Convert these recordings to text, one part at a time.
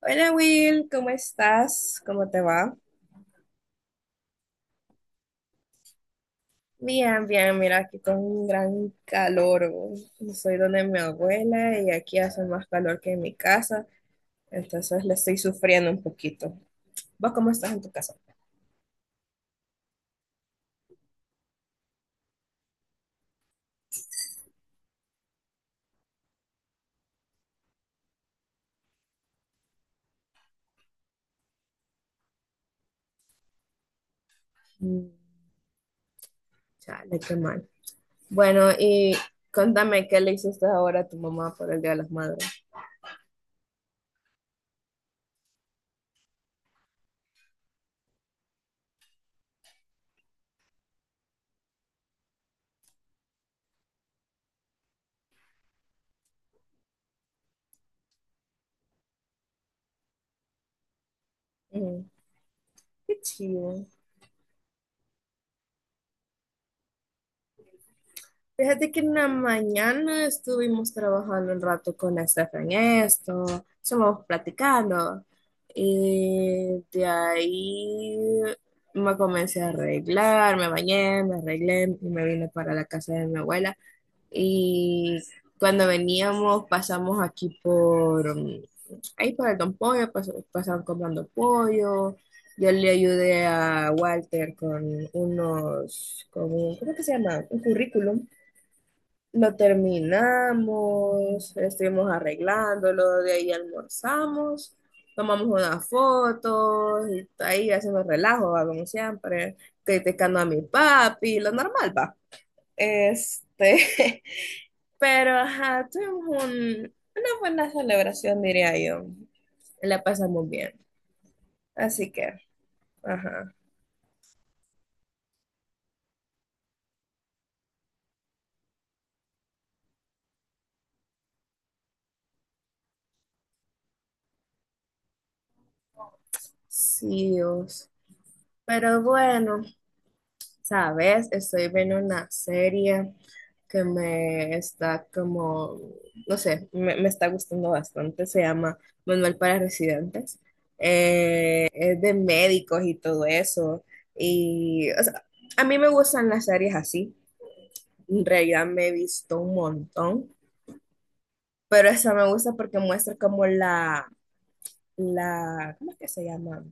Hola Will, ¿cómo estás? ¿Cómo te va? Bien, bien, mira, aquí con un gran calor. Soy donde mi abuela y aquí hace más calor que en mi casa, entonces le estoy sufriendo un poquito. ¿Vos cómo estás en tu casa? Mm, chale, qué mal. Bueno, y contame qué le hiciste ahora a tu mamá por el Día de las Madres. Mm, qué chido. Fíjate que en la mañana estuvimos trabajando un rato con Estefan en esto, estuvimos platicando y de ahí me comencé a arreglar, me bañé, me arreglé y me vine para la casa de mi abuela y cuando veníamos pasamos aquí por ahí por el Don Pollo, pasaban comprando pollo, yo le ayudé a Walter con unos, con un, ¿cómo que se llama? Un currículum lo terminamos, estuvimos arreglándolo, de ahí almorzamos, tomamos unas fotos, y ahí hacemos relajo, va, como siempre, criticando a mi papi, lo normal, va. Este, pero ajá, tuvimos una buena celebración, diría yo. La pasamos bien. Así que, ajá, sí, Dios. Pero bueno. Sabes, estoy viendo una serie que me está no sé, me está gustando bastante. Se llama Manual para Residentes. Es de médicos y todo eso. Y, o sea, a mí me gustan las series así. En realidad me he visto un montón, pero esa me gusta porque muestra como la, ¿cómo es que se llama?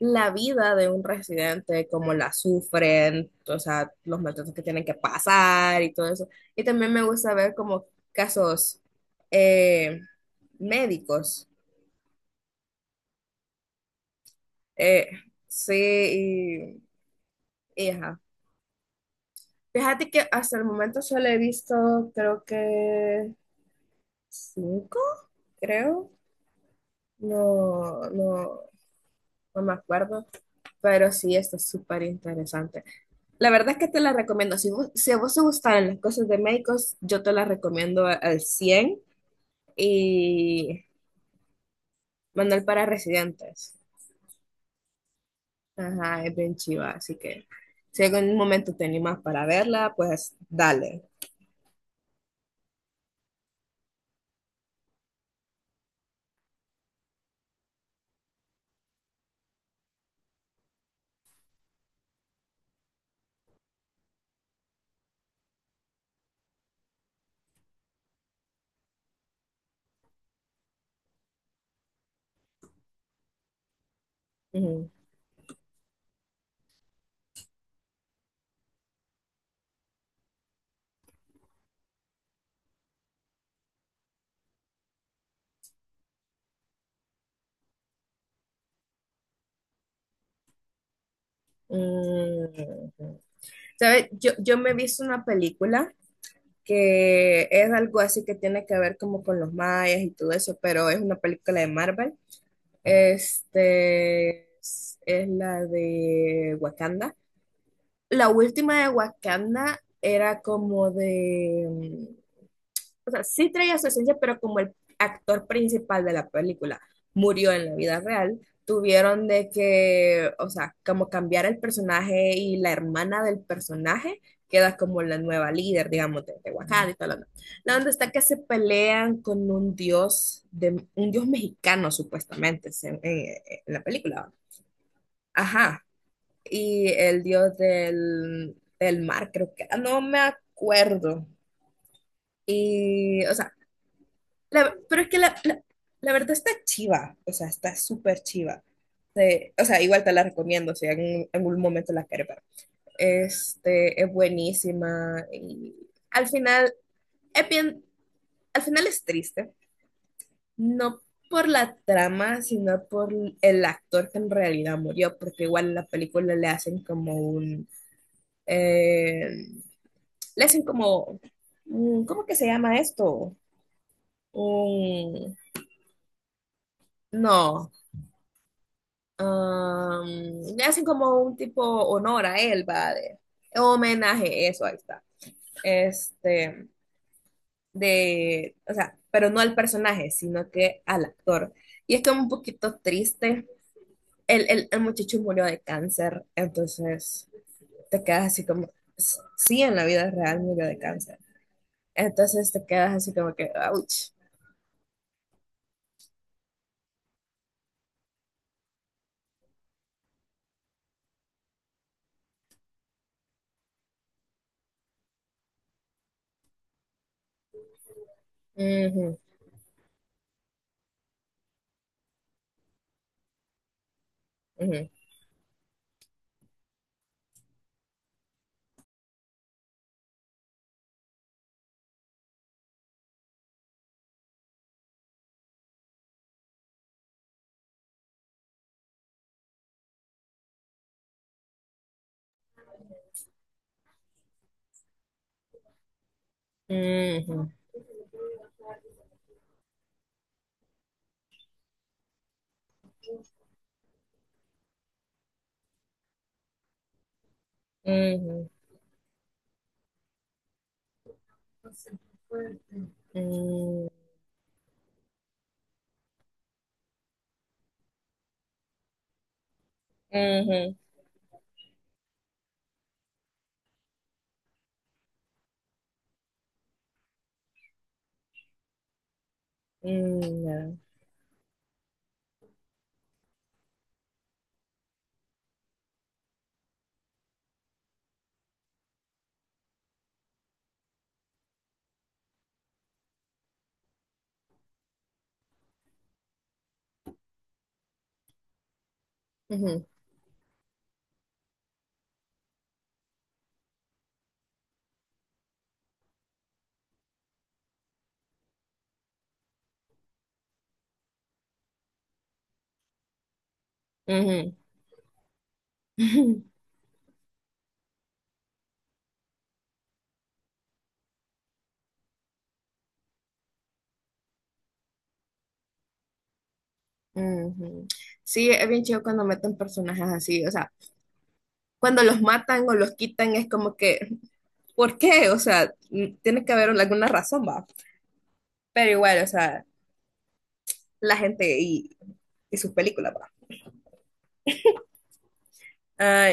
La vida de un residente, cómo la sufren, o sea, los maltratos que tienen que pasar y todo eso. Y también me gusta ver como casos eh, médicos. Eh, sí, y ajá. Fíjate que hasta el momento solo he visto, creo que cinco, creo. No, no, no me acuerdo, pero sí, está súper interesante. La verdad es que te la recomiendo. Si, si a vos te gustan las cosas de médicos, yo te las recomiendo al cien y Manual para residentes. Ajá, es bien chiva, así que si en algún momento te animas para verla, pues dale. Ujú. Mm. ¿Sabes? Yo me he visto una película que es algo así que tiene que ver como con los mayas y todo eso, pero es una película de Marvel. Este es la de Wakanda. La última de Wakanda era como de, o sea, sí traía su esencia, pero como el actor principal de la película murió en la vida real, tuvieron de que, o sea, como cambiar el personaje y la hermana del personaje queda como la nueva líder, digamos, de Wakanda y todo lo demás. La onda está que se pelean con un dios, de, un dios mexicano supuestamente, en la película. Ajá y el dios del, del mar, creo que, era. No me acuerdo. Y, o sea, pero es que la verdad está chiva, o sea, está súper chiva. Sí, o sea, igual te la recomiendo, si en algún momento la quieres ver. Este, es buenísima y al final, es bien- al final es triste, no por la trama, sino por el actor que en realidad murió, porque igual en la película le hacen como un, eh, le hacen como, ¿cómo que se llama esto? Un, no, am, le hacen como un tipo honor a él, va, de, homenaje, eso, ahí está. Este, de, o sea, pero no al personaje, sino que al actor. Y es como un poquito triste. El muchacho murió de cáncer, entonces te quedas así como, sí, en la vida real murió de cáncer. Entonces te quedas así como que, ouch. Ujú, ujú, ujú, ujú, ujú, ujú, ujú, ujú, ujú. Ujú, ujú. Sí, es bien chido cuando meten personajes así, o sea, cuando los matan o los quitan es como que, ¿por qué? O sea, mm, tiene que haber alguna razón, va. Pero igual, o sea, la gente y sus películas, va. Ah,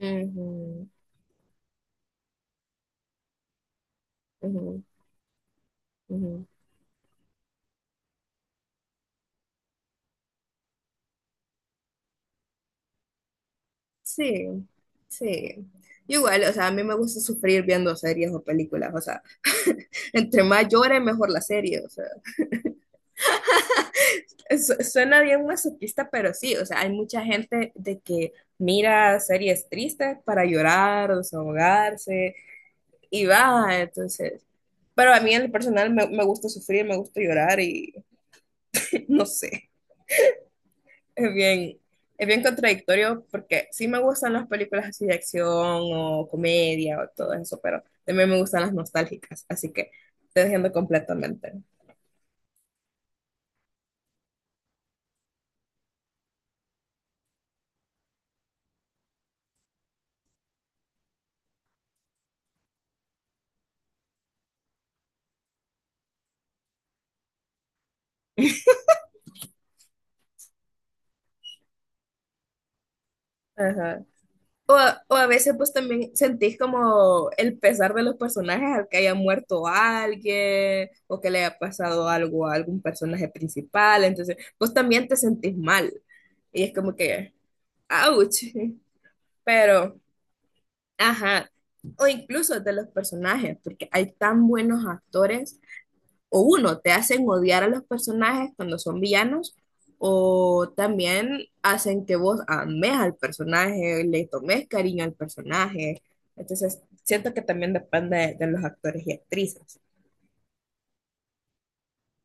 ujú, ujú, ujú. Sí, sí. Igual, o sea, a mí me gusta sufrir viendo series o películas, o sea, entre más llore, mejor la serie, o sea, suena bien masoquista, pero sí, o sea, hay mucha gente de que mira series tristes para llorar, desahogarse, y va, entonces, pero a mí en lo personal me gusta sufrir, me gusta llorar y no sé. Es bien, es bien contradictorio porque sí me gustan las películas así de acción o comedia o todo eso, pero también me gustan las nostálgicas, así que te entiendo completamente. Ajá. O, o a veces pues también sentís como el pesar de los personajes al que haya muerto alguien o que le haya pasado algo a algún personaje principal, entonces pues también te sentís mal y es como que, ouch, pero... Ajá, o incluso de los personajes, porque hay tan buenos actores, o uno, te hacen odiar a los personajes cuando son villanos, o también hacen que vos ames al personaje, le tomes cariño al personaje. Entonces, siento que también depende de los actores y actrices.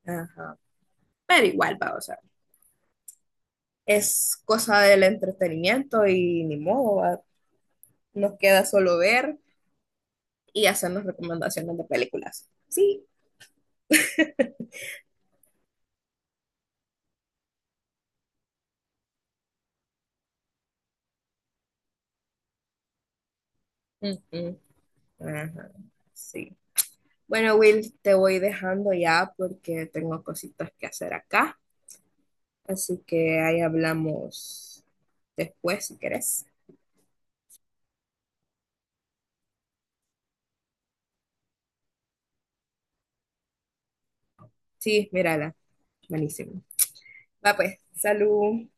Ajá. Pero igual, va, o sea, es cosa del entretenimiento y ni modo, va. Nos queda solo ver y hacernos recomendaciones de películas. Sí. Ujú. Ajá, sí. Bueno, Will, te voy dejando ya porque tengo cositas que hacer acá. Así que ahí hablamos después si querés. Sí, mírala. Buenísimo. Va pues, salud.